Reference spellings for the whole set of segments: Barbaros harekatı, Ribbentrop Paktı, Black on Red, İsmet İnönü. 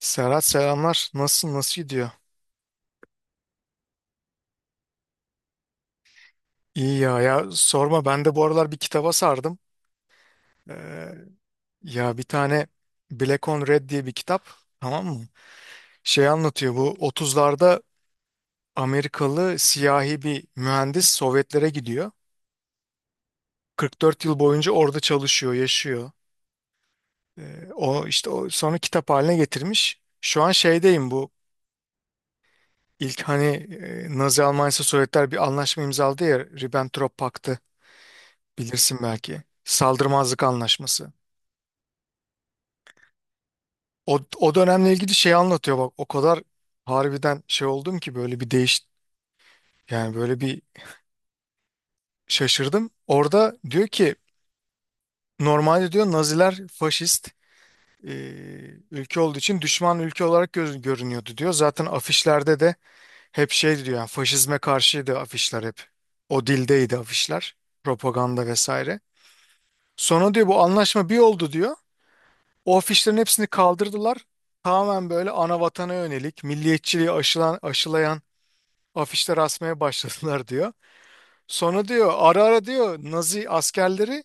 Serhat selamlar. Nasılsın? Nasıl gidiyor? İyi ya sorma, ben de bu aralar bir kitaba sardım. Ee, ya bir tane Black on Red diye bir kitap, tamam mı? Şey anlatıyor, bu 30'larda Amerikalı siyahi bir mühendis Sovyetlere gidiyor. 44 yıl boyunca orada çalışıyor, yaşıyor. O işte sonra kitap haline getirmiş. Şu an şeydeyim, bu ilk hani Nazi Almanya'sı Sovyetler bir anlaşma imzaladı ya, Ribbentrop Paktı. Bilirsin belki. Saldırmazlık anlaşması. O dönemle ilgili şey anlatıyor, bak o kadar harbiden şey oldum ki, böyle bir yani böyle şaşırdım. Orada diyor ki normalde diyor Naziler faşist e, ülke olduğu için düşman ülke olarak görünüyordu diyor. Zaten afişlerde de hep şey diyor, yani faşizme karşıydı afişler hep. O dildeydi afişler. Propaganda vesaire. Sonra diyor bu anlaşma bir oldu diyor. O afişlerin hepsini kaldırdılar. Tamamen böyle ana vatana yönelik, milliyetçiliği aşılayan afişler asmaya başladılar diyor. Sonra diyor ara ara diyor Nazi askerleri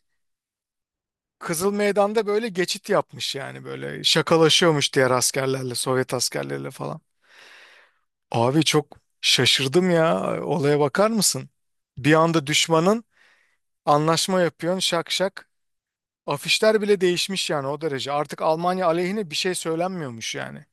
Kızıl Meydan'da böyle geçit yapmış, yani böyle şakalaşıyormuş diğer askerlerle, Sovyet askerleriyle falan. Abi çok şaşırdım ya, olaya bakar mısın? Bir anda düşmanın anlaşma yapıyorsun, şak şak. Afişler bile değişmiş yani, o derece. Artık Almanya aleyhine bir şey söylenmiyormuş yani.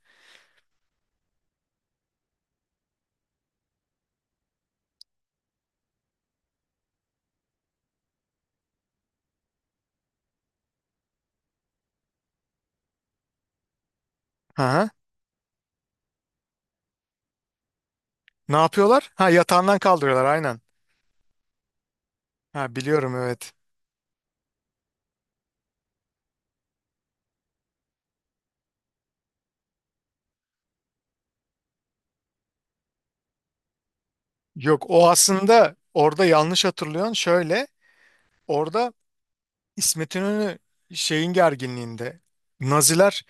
Hı hı. Ne yapıyorlar? Ha, yatağından kaldırıyorlar, aynen. Ha, biliyorum, evet. Yok, o aslında orada yanlış hatırlıyorsun. Şöyle, orada İsmet İnönü şeyin gerginliğinde. Naziler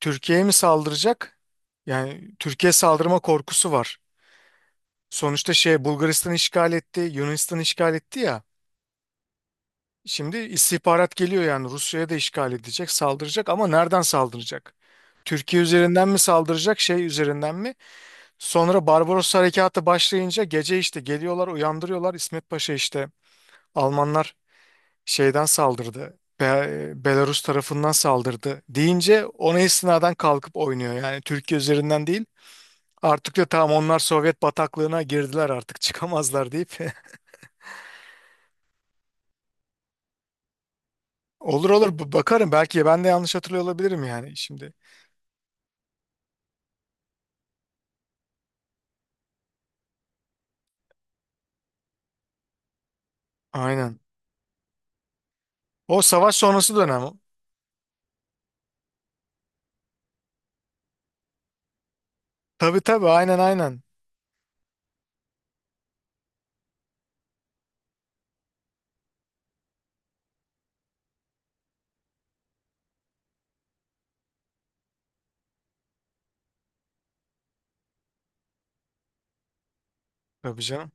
Türkiye'ye mi saldıracak? Yani Türkiye saldırma korkusu var. Sonuçta şey, Bulgaristan işgal etti, Yunanistan işgal etti ya. Şimdi istihbarat geliyor yani Rusya'ya da işgal edecek, saldıracak, ama nereden saldıracak? Türkiye üzerinden mi saldıracak, şey üzerinden mi? Sonra Barbaros harekatı başlayınca gece işte geliyorlar, uyandırıyorlar. İsmet Paşa işte Almanlar şeyden saldırdı. Belarus tarafından saldırdı deyince ona istinaden kalkıp oynuyor. Yani Türkiye üzerinden değil. Artık da tamam, onlar Sovyet bataklığına girdiler, artık çıkamazlar deyip. Olur olur, bakarım, belki ben de yanlış hatırlıyor olabilirim yani şimdi. Aynen. O savaş sonrası dönem. Tabii tabii, aynen aynen. Tabii canım.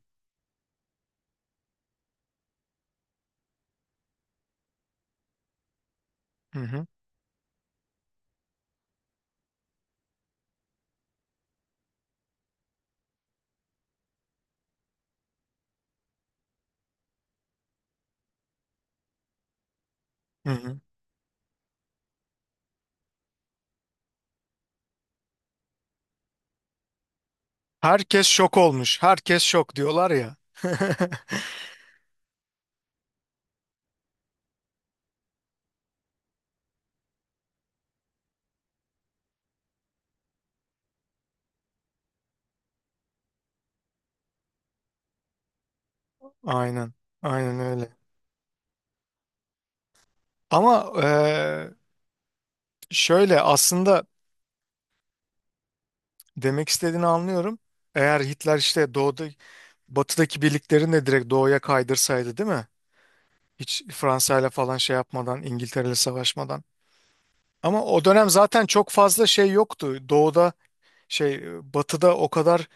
Hı hı. Hı hı. Herkes şok olmuş. Herkes şok diyorlar ya. Aynen. Aynen öyle. Ama şöyle aslında demek istediğini anlıyorum. Eğer Hitler işte doğuda, batıdaki birliklerini de direkt doğuya kaydırsaydı, değil mi? Hiç Fransa ile falan şey yapmadan, İngiltere ile savaşmadan. Ama o dönem zaten çok fazla şey yoktu. Doğuda şey, batıda o kadar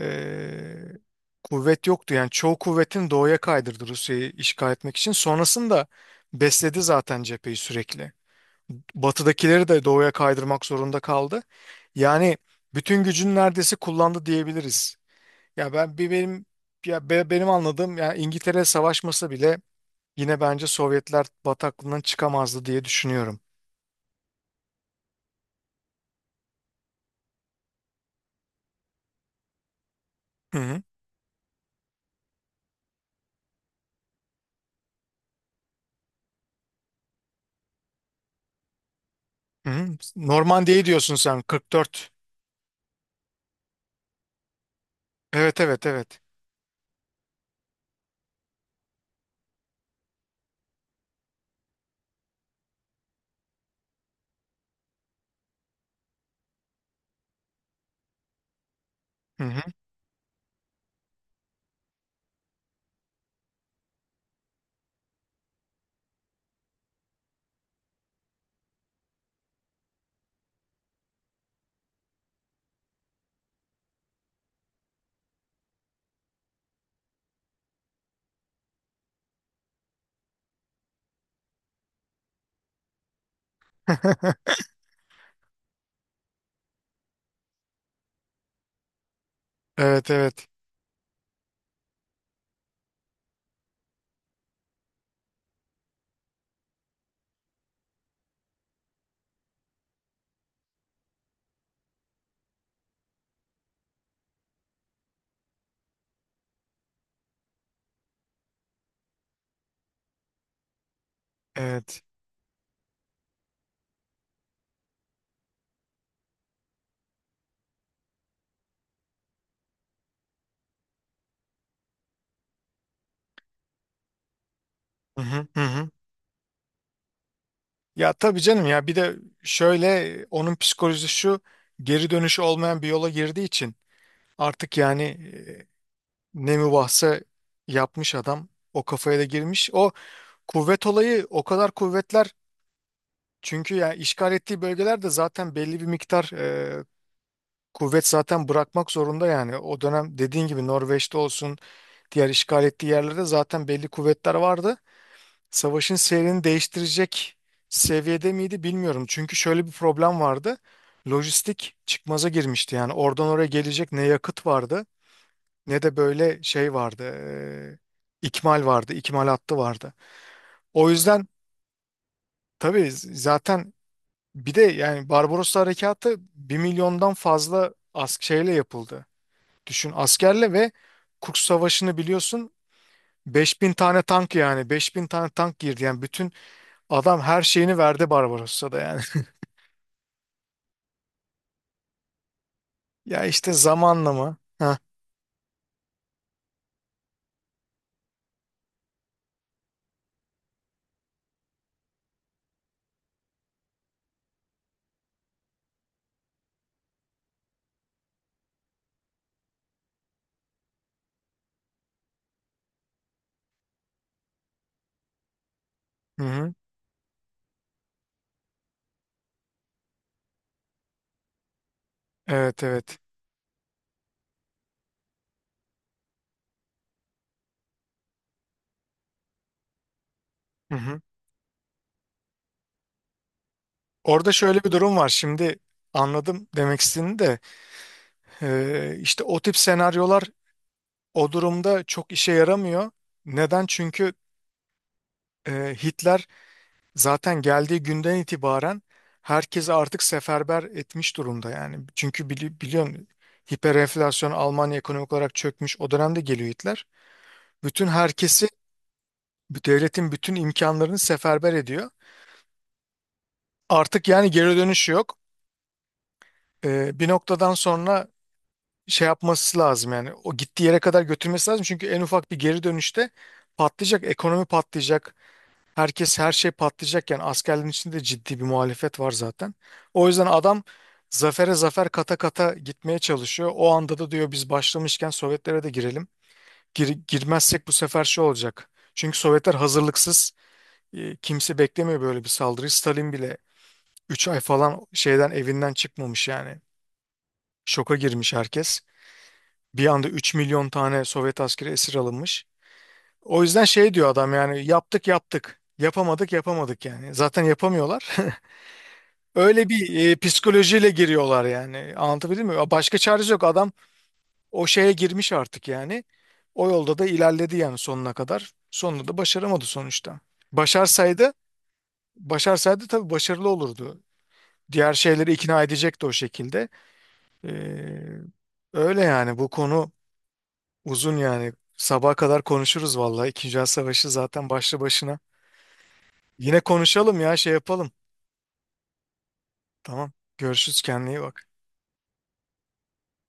e, kuvvet yoktu. Yani çoğu kuvvetini doğuya kaydırdı Rusya'yı işgal etmek için. Sonrasında besledi zaten cepheyi sürekli. Batıdakileri de doğuya kaydırmak zorunda kaldı. Yani bütün gücünü neredeyse kullandı diyebiliriz. Ya ben bir benim ya be- benim anladığım, yani İngiltere savaşması bile yine bence Sovyetler bataklığından çıkamazdı diye düşünüyorum. Hı hı. Hı hı. Normandiya'yı diyorsun sen, 44. Evet evet evet. Hı hı. Evet evet. Evet. Hı hı, hı hı. Ya tabii canım, ya bir de şöyle, onun psikolojisi şu, geri dönüşü olmayan bir yola girdiği için artık yani ne mübahse yapmış adam, o kafaya da girmiş. O kuvvet olayı, o kadar kuvvetler çünkü, ya işgal ettiği bölgelerde zaten belli bir miktar kuvvet zaten bırakmak zorunda. Yani o dönem dediğin gibi Norveç'te olsun, diğer işgal ettiği yerlerde zaten belli kuvvetler vardı. Savaşın seyrini değiştirecek seviyede miydi bilmiyorum. Çünkü şöyle bir problem vardı. Lojistik çıkmaza girmişti. Yani oradan oraya gelecek ne yakıt vardı ne de böyle şey vardı. İkmal vardı, ikmal hattı vardı. O yüzden tabii zaten bir de yani Barbaros Harekatı bir milyondan fazla şeyle yapıldı. Düşün, askerle. Ve Kurs Savaşı'nı biliyorsun, 5 bin tane tank, yani 5 bin tane tank girdi. Yani bütün Adam her şeyini verdi Barbarossa'da yani. Ya işte zamanla mı? Ha. Hı hı. Evet evet. Hı hı. Orada şöyle bir durum var. Şimdi anladım demek istediğini de, işte o tip senaryolar o durumda çok işe yaramıyor. Neden? Çünkü Hitler zaten geldiği günden itibaren herkesi artık seferber etmiş durumda yani. Çünkü biliyorsun, hiperenflasyon, Almanya ekonomik olarak çökmüş. O dönemde geliyor Hitler. Bütün herkesi, bu devletin bütün imkanlarını seferber ediyor. Artık yani geri dönüşü yok. Bir noktadan sonra şey yapması lazım, yani o gittiği yere kadar götürmesi lazım. Çünkü en ufak bir geri dönüşte patlayacak, ekonomi patlayacak, herkes her şey patlayacak. Yani askerlerin içinde de ciddi bir muhalefet var zaten. O yüzden adam zafere zafer kata kata gitmeye çalışıyor. O anda da diyor biz başlamışken Sovyetlere de girelim. Girmezsek bu sefer şey olacak. Çünkü Sovyetler hazırlıksız. Kimse beklemiyor böyle bir saldırıyı. Stalin bile 3 ay falan evinden çıkmamış yani. Şoka girmiş herkes. Bir anda 3 milyon tane Sovyet askeri esir alınmış. O yüzden şey diyor adam, yani yaptık yaptık, yapamadık yapamadık yani. Zaten yapamıyorlar. Öyle bir psikolojiyle giriyorlar yani. Anlatabildim mi? Başka çaresi yok. Adam o şeye girmiş artık yani. O yolda da ilerledi yani sonuna kadar. Sonunda da başaramadı sonuçta. Başarsaydı, başarsaydı tabii başarılı olurdu. Diğer şeyleri ikna edecekti o şekilde. Ee, öyle yani bu konu uzun yani. Sabaha kadar konuşuruz vallahi. İkinci Dünya Savaşı zaten başlı başına. Yine konuşalım ya, şey yapalım. Tamam. Görüşürüz, kendine iyi bak.